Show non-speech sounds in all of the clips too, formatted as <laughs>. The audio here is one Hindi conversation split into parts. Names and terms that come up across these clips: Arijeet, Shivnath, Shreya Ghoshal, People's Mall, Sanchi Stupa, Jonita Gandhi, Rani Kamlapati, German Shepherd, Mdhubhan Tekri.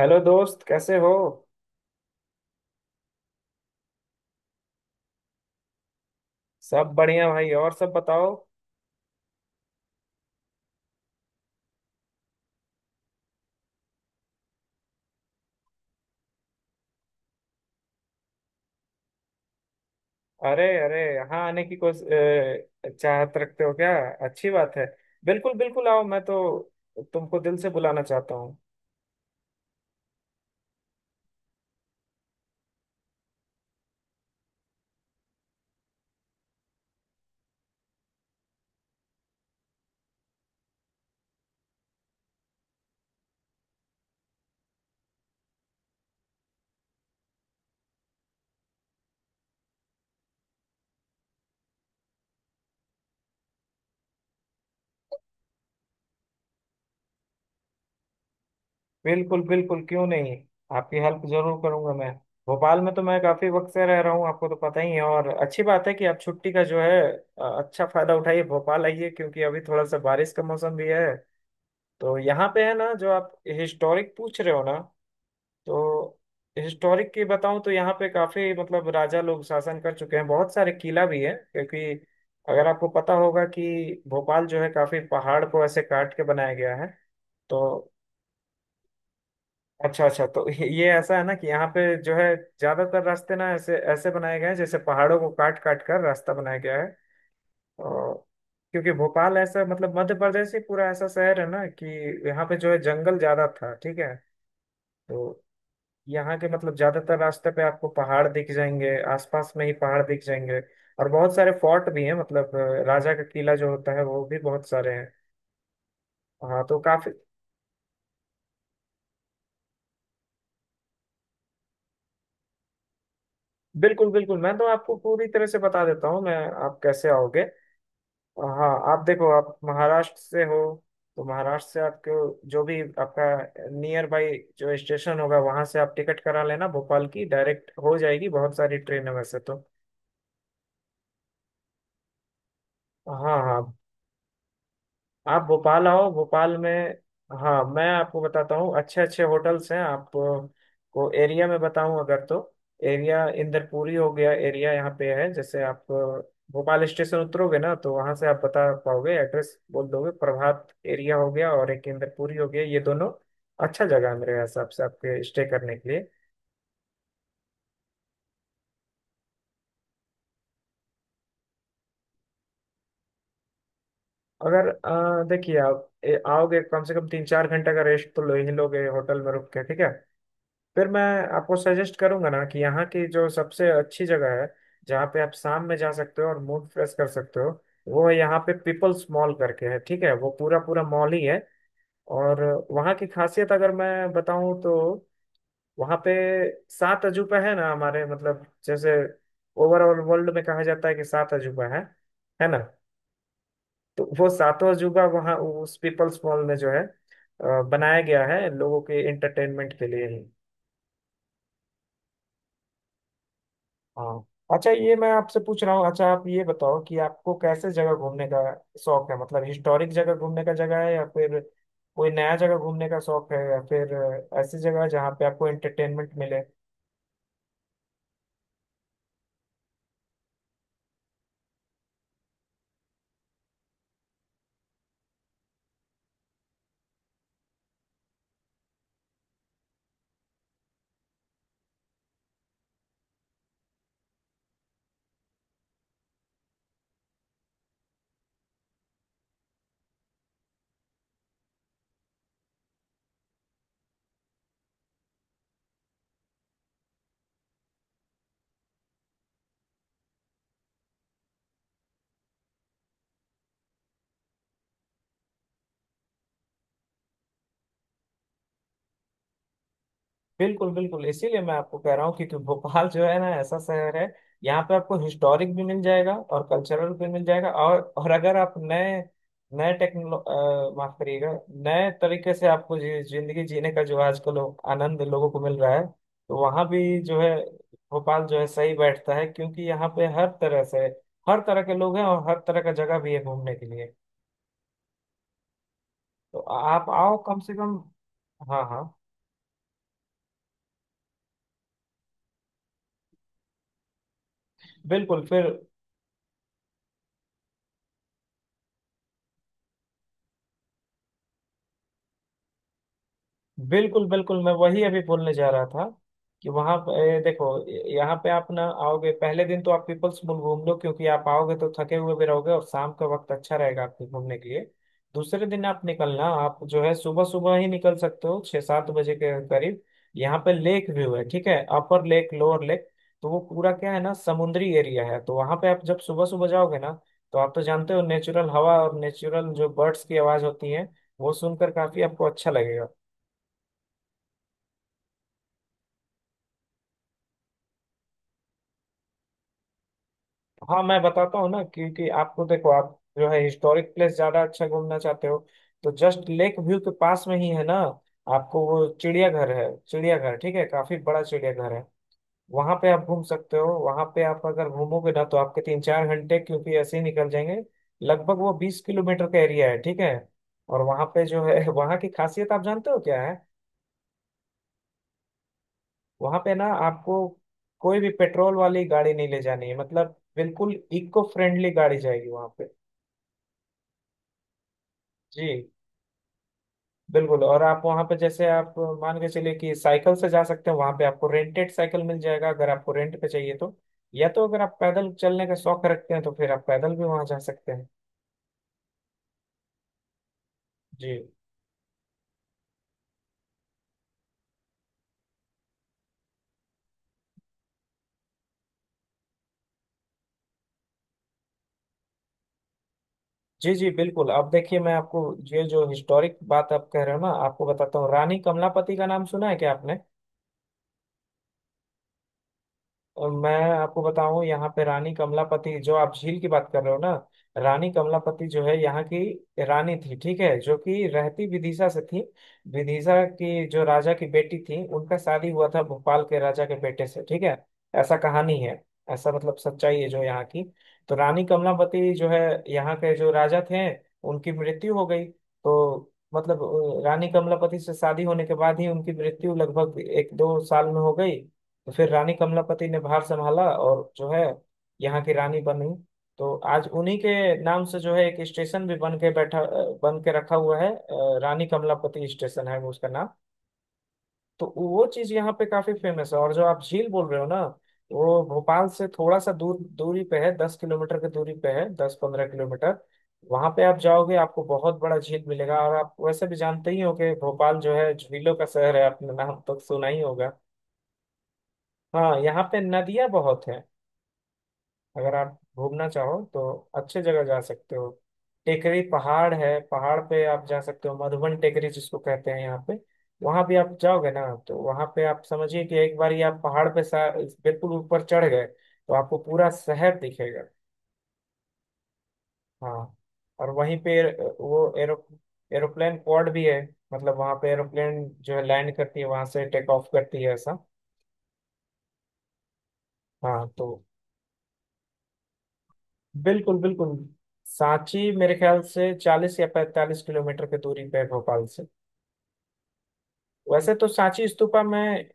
हेलो दोस्त कैसे हो। सब बढ़िया भाई और सब बताओ। अरे अरे यहाँ आने की चाहत रखते हो क्या। अच्छी बात है। बिल्कुल बिल्कुल आओ मैं तो तुमको दिल से बुलाना चाहता हूँ। बिल्कुल बिल्कुल क्यों नहीं। आपकी हेल्प जरूर करूंगा मैं। भोपाल में तो मैं काफी वक्त से रह रहा हूँ आपको तो पता ही है और अच्छी बात है कि आप छुट्टी का जो है अच्छा फायदा उठाइए भोपाल आइए क्योंकि अभी थोड़ा सा बारिश का मौसम भी है। तो यहाँ पे है ना जो आप हिस्टोरिक पूछ रहे हो ना। तो हिस्टोरिक की बताऊं तो यहाँ पे काफी मतलब राजा लोग शासन कर चुके हैं बहुत सारे किला भी है क्योंकि अगर आपको पता होगा कि भोपाल जो है काफी पहाड़ को ऐसे काट के बनाया गया है। तो अच्छा अच्छा तो <laughs> ये ऐसा है ना कि यहाँ पे जो है ज्यादातर रास्ते ना ऐसे ऐसे बनाए गए हैं जैसे पहाड़ों को काट काट कर रास्ता बनाया गया है। और क्योंकि भोपाल ऐसा मतलब मध्य प्रदेश ही पूरा ऐसा शहर है ना कि यहाँ पे जो है जंगल ज्यादा था ठीक है। तो यहाँ के मतलब ज्यादातर रास्ते पे आपको पहाड़ दिख जाएंगे आसपास में ही पहाड़ दिख जाएंगे। और बहुत सारे फोर्ट भी हैं मतलब राजा का किला जो होता है वो भी बहुत सारे हैं। हाँ तो काफी। बिल्कुल बिल्कुल मैं तो आपको पूरी तरह से बता देता हूँ मैं। आप कैसे आओगे। हाँ आप देखो आप महाराष्ट्र से हो। तो महाराष्ट्र से आपको जो भी आपका नियर बाई जो स्टेशन होगा वहां से आप टिकट करा लेना भोपाल की डायरेक्ट हो जाएगी बहुत सारी ट्रेन है वैसे तो। हाँ हाँ। आप भोपाल आओ भोपाल में। हाँ मैं आपको बताता हूँ अच्छे अच्छे होटल्स हैं आप को एरिया में बताऊँ अगर तो। एरिया इंदरपुरी हो गया एरिया यहाँ पे है जैसे आप भोपाल स्टेशन उतरोगे ना तो वहाँ से आप बता पाओगे एड्रेस बोल दोगे प्रभात एरिया हो गया और एक इंदरपुरी हो गया ये दोनों अच्छा जगह है मेरे हिसाब से आपके स्टे करने के लिए। अगर देखिए आप आओगे कम से कम 3 4 घंटे का रेस्ट तो लो ही लोगे होटल में रुक के ठीक है। फिर मैं आपको सजेस्ट करूंगा ना कि यहाँ की जो सबसे अच्छी जगह है जहाँ पे आप शाम में जा सकते हो और मूड फ्रेश कर सकते हो। वो है यहाँ पे पीपल्स मॉल करके है ठीक है वो पूरा पूरा मॉल ही है। और वहाँ की खासियत अगर मैं बताऊँ तो वहाँ पे सात अजूबा है ना हमारे मतलब जैसे ओवरऑल वर्ल्ड में कहा जाता है कि सात अजूबा है ना। तो वो सातों अजूबा वहाँ उस पीपल्स मॉल में जो है बनाया गया है लोगों के एंटरटेनमेंट के लिए ही। हाँ अच्छा ये मैं आपसे पूछ रहा हूँ अच्छा आप ये बताओ कि आपको कैसे जगह घूमने का शौक है मतलब हिस्टोरिक जगह घूमने का जगह है या फिर कोई नया जगह घूमने का शौक है या फिर ऐसी जगह जहाँ पे आपको एंटरटेनमेंट मिले। बिल्कुल बिल्कुल इसीलिए मैं आपको कह रहा हूँ क्योंकि भोपाल जो है ना ऐसा शहर है यहाँ पे आपको हिस्टोरिक भी मिल जाएगा और कल्चरल भी मिल जाएगा और अगर आप नए नए माफ करिएगा। नए तरीके से आपको जिंदगी जीने का जो आजकल आनंद लोगों को मिल रहा है तो वहाँ भी जो है भोपाल जो है सही बैठता है क्योंकि यहाँ पे हर तरह से हर तरह के लोग हैं और हर तरह का जगह भी है घूमने के लिए। तो आप आओ कम से कम। हाँ हाँ बिल्कुल फिर बिल्कुल बिल्कुल मैं वही अभी बोलने जा रहा था कि वहां पे देखो। यहाँ पे आप ना आओगे पहले दिन तो आप पीपल्स मॉल घूम लो क्योंकि आप आओगे तो थके हुए भी रहोगे और शाम का वक्त अच्छा रहेगा आपके घूमने के लिए। दूसरे दिन आप निकलना आप जो है सुबह सुबह ही निकल सकते हो 6 7 बजे के करीब। यहाँ पे लेक व्यू है ठीक है अपर लेक लोअर लेक। तो वो पूरा क्या है ना समुद्री एरिया है तो वहां पे आप जब सुबह सुबह जाओगे ना तो आप तो जानते हो नेचुरल हवा और नेचुरल जो बर्ड्स की आवाज होती है वो सुनकर काफी आपको अच्छा लगेगा। हाँ मैं बताता हूँ ना क्योंकि आपको देखो आप जो है हिस्टोरिक प्लेस ज्यादा अच्छा घूमना चाहते हो तो जस्ट लेक व्यू के पास में ही है ना। आपको वो चिड़ियाघर है चिड़ियाघर ठीक है काफी बड़ा चिड़ियाघर है वहां पे आप घूम सकते हो वहां पे आप अगर घूमोगे ना तो आपके 3 4 घंटे क्योंकि ऐसे ही निकल जाएंगे। लगभग वो 20 किलोमीटर का एरिया है ठीक है। और वहां पे जो है <laughs> वहां की खासियत आप जानते हो क्या है। वहां पे ना आपको कोई भी पेट्रोल वाली गाड़ी नहीं ले जानी है मतलब बिल्कुल इको फ्रेंडली गाड़ी जाएगी वहां पे। जी बिल्कुल और आप वहां पे जैसे आप मान के चलिए कि साइकिल से जा सकते हैं वहां पे आपको रेंटेड साइकिल मिल जाएगा अगर आपको रेंट पे चाहिए तो या तो अगर आप पैदल चलने का शौक रखते हैं तो फिर आप पैदल भी वहां जा सकते हैं। जी जी। जी बिल्कुल अब देखिए मैं आपको ये जो हिस्टोरिक बात आप कह रहे हो ना आपको बताता हूँ रानी कमलापति का नाम सुना है क्या आपने। और मैं आपको बताऊं यहाँ पे रानी कमलापति जो आप झील की बात कर रहे हो ना रानी कमलापति जो है यहाँ की रानी थी ठीक है जो कि रहती विदिशा से थी। विदिशा की जो राजा की बेटी थी उनका शादी हुआ था भोपाल के राजा के बेटे से ठीक है। ऐसा कहानी है ऐसा मतलब सच्चाई है जो यहाँ की। तो रानी कमलापति जो है यहाँ के जो राजा थे उनकी मृत्यु हो गई तो मतलब रानी कमलापति से शादी होने के बाद ही उनकी मृत्यु लगभग 1 2 साल में हो गई। तो फिर रानी कमलापति ने भार संभाला और जो है यहाँ की रानी बनी। तो आज उन्हीं के नाम से जो है एक स्टेशन भी बन के रखा हुआ है रानी कमलापति स्टेशन है उसका नाम। तो वो चीज यहाँ पे काफी फेमस है और जो आप झील बोल रहे हो ना वो भोपाल से थोड़ा सा दूर दूरी पे है 10 किलोमीटर की दूरी पे है 10 15 किलोमीटर। वहां पे आप जाओगे आपको बहुत बड़ा झील मिलेगा और आप वैसे भी जानते ही हो कि भोपाल जो है झीलों का शहर है आपने नाम तो सुना ही होगा। हाँ यहाँ पे नदियां बहुत हैं। अगर आप घूमना चाहो तो अच्छे जगह जा सकते हो। टेकरी पहाड़ है पहाड़ पे आप जा सकते हो मधुबन टेकरी जिसको कहते हैं यहाँ पे वहां भी आप जाओगे ना तो वहां पे आप समझिए कि एक बार ही आप पहाड़ पे बिल्कुल ऊपर चढ़ गए तो आपको पूरा शहर दिखेगा। हाँ और वहीं पे वो एरोप्लेन पॉड भी है मतलब वहां पे एरोप्लेन जो है लैंड करती है वहां से टेक ऑफ करती है ऐसा। हाँ तो बिल्कुल बिल्कुल सांची मेरे ख्याल से 40 या 45 किलोमीटर की दूरी पे है भोपाल से। वैसे तो सांची स्तूपा में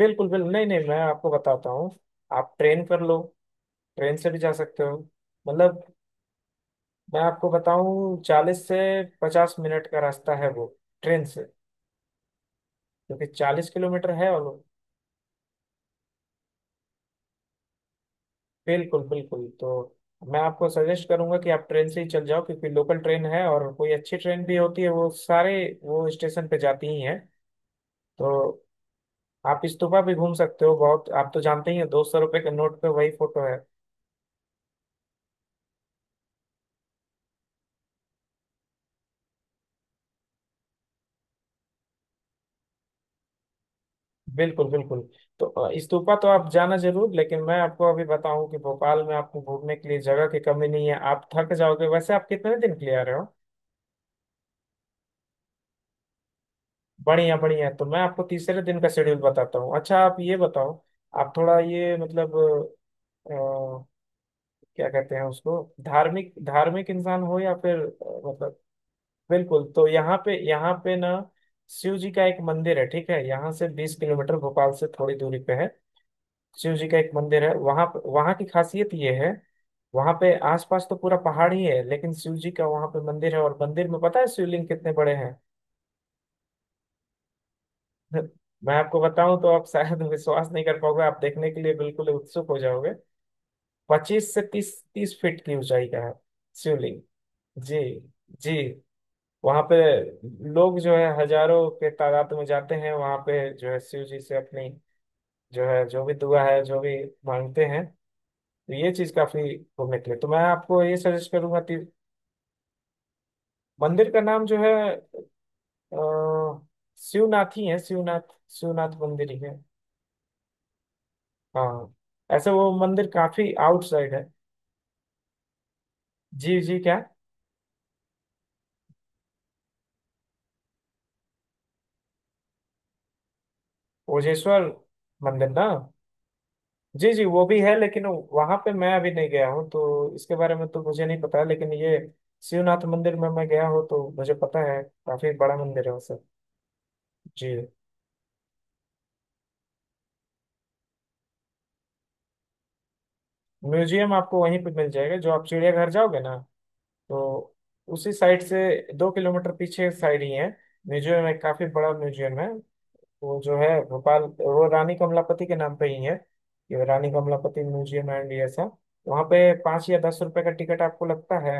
बिल्कुल बिल्कुल नहीं नहीं मैं आपको बताता हूँ आप ट्रेन कर लो ट्रेन से भी जा सकते हो मतलब मैं आपको बताऊँ 40 से 50 मिनट का रास्ता है वो ट्रेन से क्योंकि 40 किलोमीटर है और बिल्कुल बिल्कुल तो मैं आपको सजेस्ट करूंगा कि आप ट्रेन से ही चल जाओ क्योंकि लोकल ट्रेन है और कोई अच्छी ट्रेन भी होती है वो सारे वो स्टेशन पे जाती ही है। तो आप इस्तूफा भी घूम सकते हो बहुत आप तो जानते ही हैं 200 रुपए के नोट पे वही फोटो है। बिल्कुल बिल्कुल तो इस्तूफा तो आप जाना जरूर लेकिन मैं आपको अभी बताऊं कि भोपाल में आपको घूमने के लिए जगह की कमी नहीं है आप थक जाओगे वैसे आप कितने दिन के लिए आ रहे हो। बढ़िया बढ़िया तो मैं आपको तीसरे दिन का शेड्यूल बताता हूँ अच्छा आप ये बताओ आप थोड़ा ये मतलब अ, क्या कहते हैं उसको धार्मिक धार्मिक इंसान हो या फिर मतलब। बिल्कुल तो यहाँ पे ना शिव जी का एक मंदिर है ठीक है यहाँ से 20 किलोमीटर भोपाल से थोड़ी दूरी पे है। शिव जी का एक मंदिर है वहाँ की खासियत ये है वहाँ पे आसपास तो पूरा पहाड़ ही है लेकिन शिव जी का वहाँ पे मंदिर है और मंदिर में पता है शिवलिंग कितने बड़े हैं। <laughs> मैं आपको बताऊं तो आप शायद विश्वास नहीं कर पाओगे आप देखने के लिए बिल्कुल उत्सुक हो जाओगे। 25 से 30 30 फीट की ऊंचाई का है शिवलिंग। जी जी वहाँ पे लोग जो है हजारों के तादाद में जाते हैं वहाँ पे जो है शिव जी से अपनी जो है जो भी दुआ है जो भी मांगते हैं। तो ये चीज काफी घूमने के लिए तो मैं आपको ये सजेस्ट करूंगा कि मंदिर का नाम जो है अ, शिवनाथ ही है शिवनाथ शिवनाथ मंदिर ही है। हाँ ऐसे वो मंदिर काफी आउटसाइड है। जी जी क्या ओजेश्वर मंदिर ना। जी जी वो भी है लेकिन वहां पे मैं अभी नहीं गया हूँ तो इसके बारे में तो मुझे नहीं पता लेकिन ये शिवनाथ मंदिर में मैं गया हूँ तो मुझे पता है काफी बड़ा मंदिर है सर। जी म्यूजियम आपको वहीं पे मिल जाएगा जो आप चिड़ियाघर जाओगे ना तो उसी साइड से 2 किलोमीटर पीछे साइड ही है। म्यूजियम है काफी बड़ा म्यूजियम है वो जो है भोपाल वो रानी कमलापति के नाम पे ही है। ये रानी कमलापति म्यूजियम एंड ये सब वहाँ पे 5 या 10 रुपए का टिकट आपको लगता है।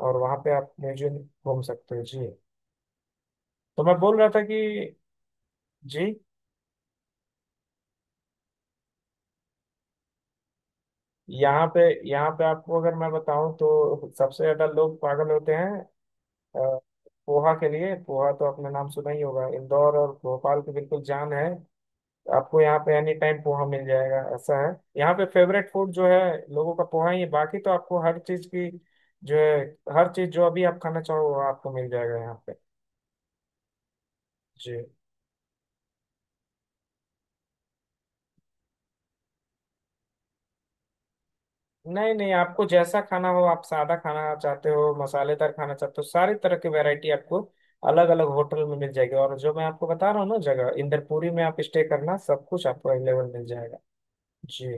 और वहाँ पे आप म्यूजियम घूम सकते हो जी। तो मैं बोल रहा था कि जी यहाँ पे यहाँ पे आपको अगर मैं बताऊँ तो सबसे ज्यादा लोग पागल होते हैं अ, पोहा के लिए पोहा तो आपने नाम सुना ही होगा इंदौर और भोपाल की बिल्कुल जान है। आपको यहाँ पे एनी टाइम पोहा मिल जाएगा ऐसा है। यहाँ पे फेवरेट फूड जो है लोगों का पोहा ही है बाकी तो आपको हर चीज की जो है हर चीज जो अभी आप खाना चाहो वो आपको मिल जाएगा यहाँ पे। जी नहीं नहीं आपको जैसा खाना हो आप सादा खाना चाहते हो मसालेदार खाना चाहते हो सारी तरह की वैरायटी आपको अलग अलग होटल में मिल जाएगी और जो मैं आपको बता रहा हूँ ना जगह इंदरपुरी में आप स्टे करना सब कुछ आपको अवेलेबल मिल जाएगा। जी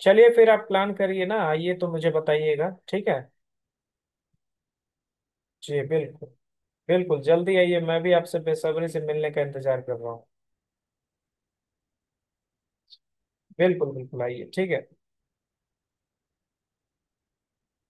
चलिए फिर आप प्लान करिए ना आइए तो मुझे बताइएगा ठीक है। जी बिल्कुल बिल्कुल जल्दी आइए मैं भी आपसे बेसब्री से मिलने का इंतजार कर रहा हूँ। बिल्कुल बिल्कुल आइए ठीक है।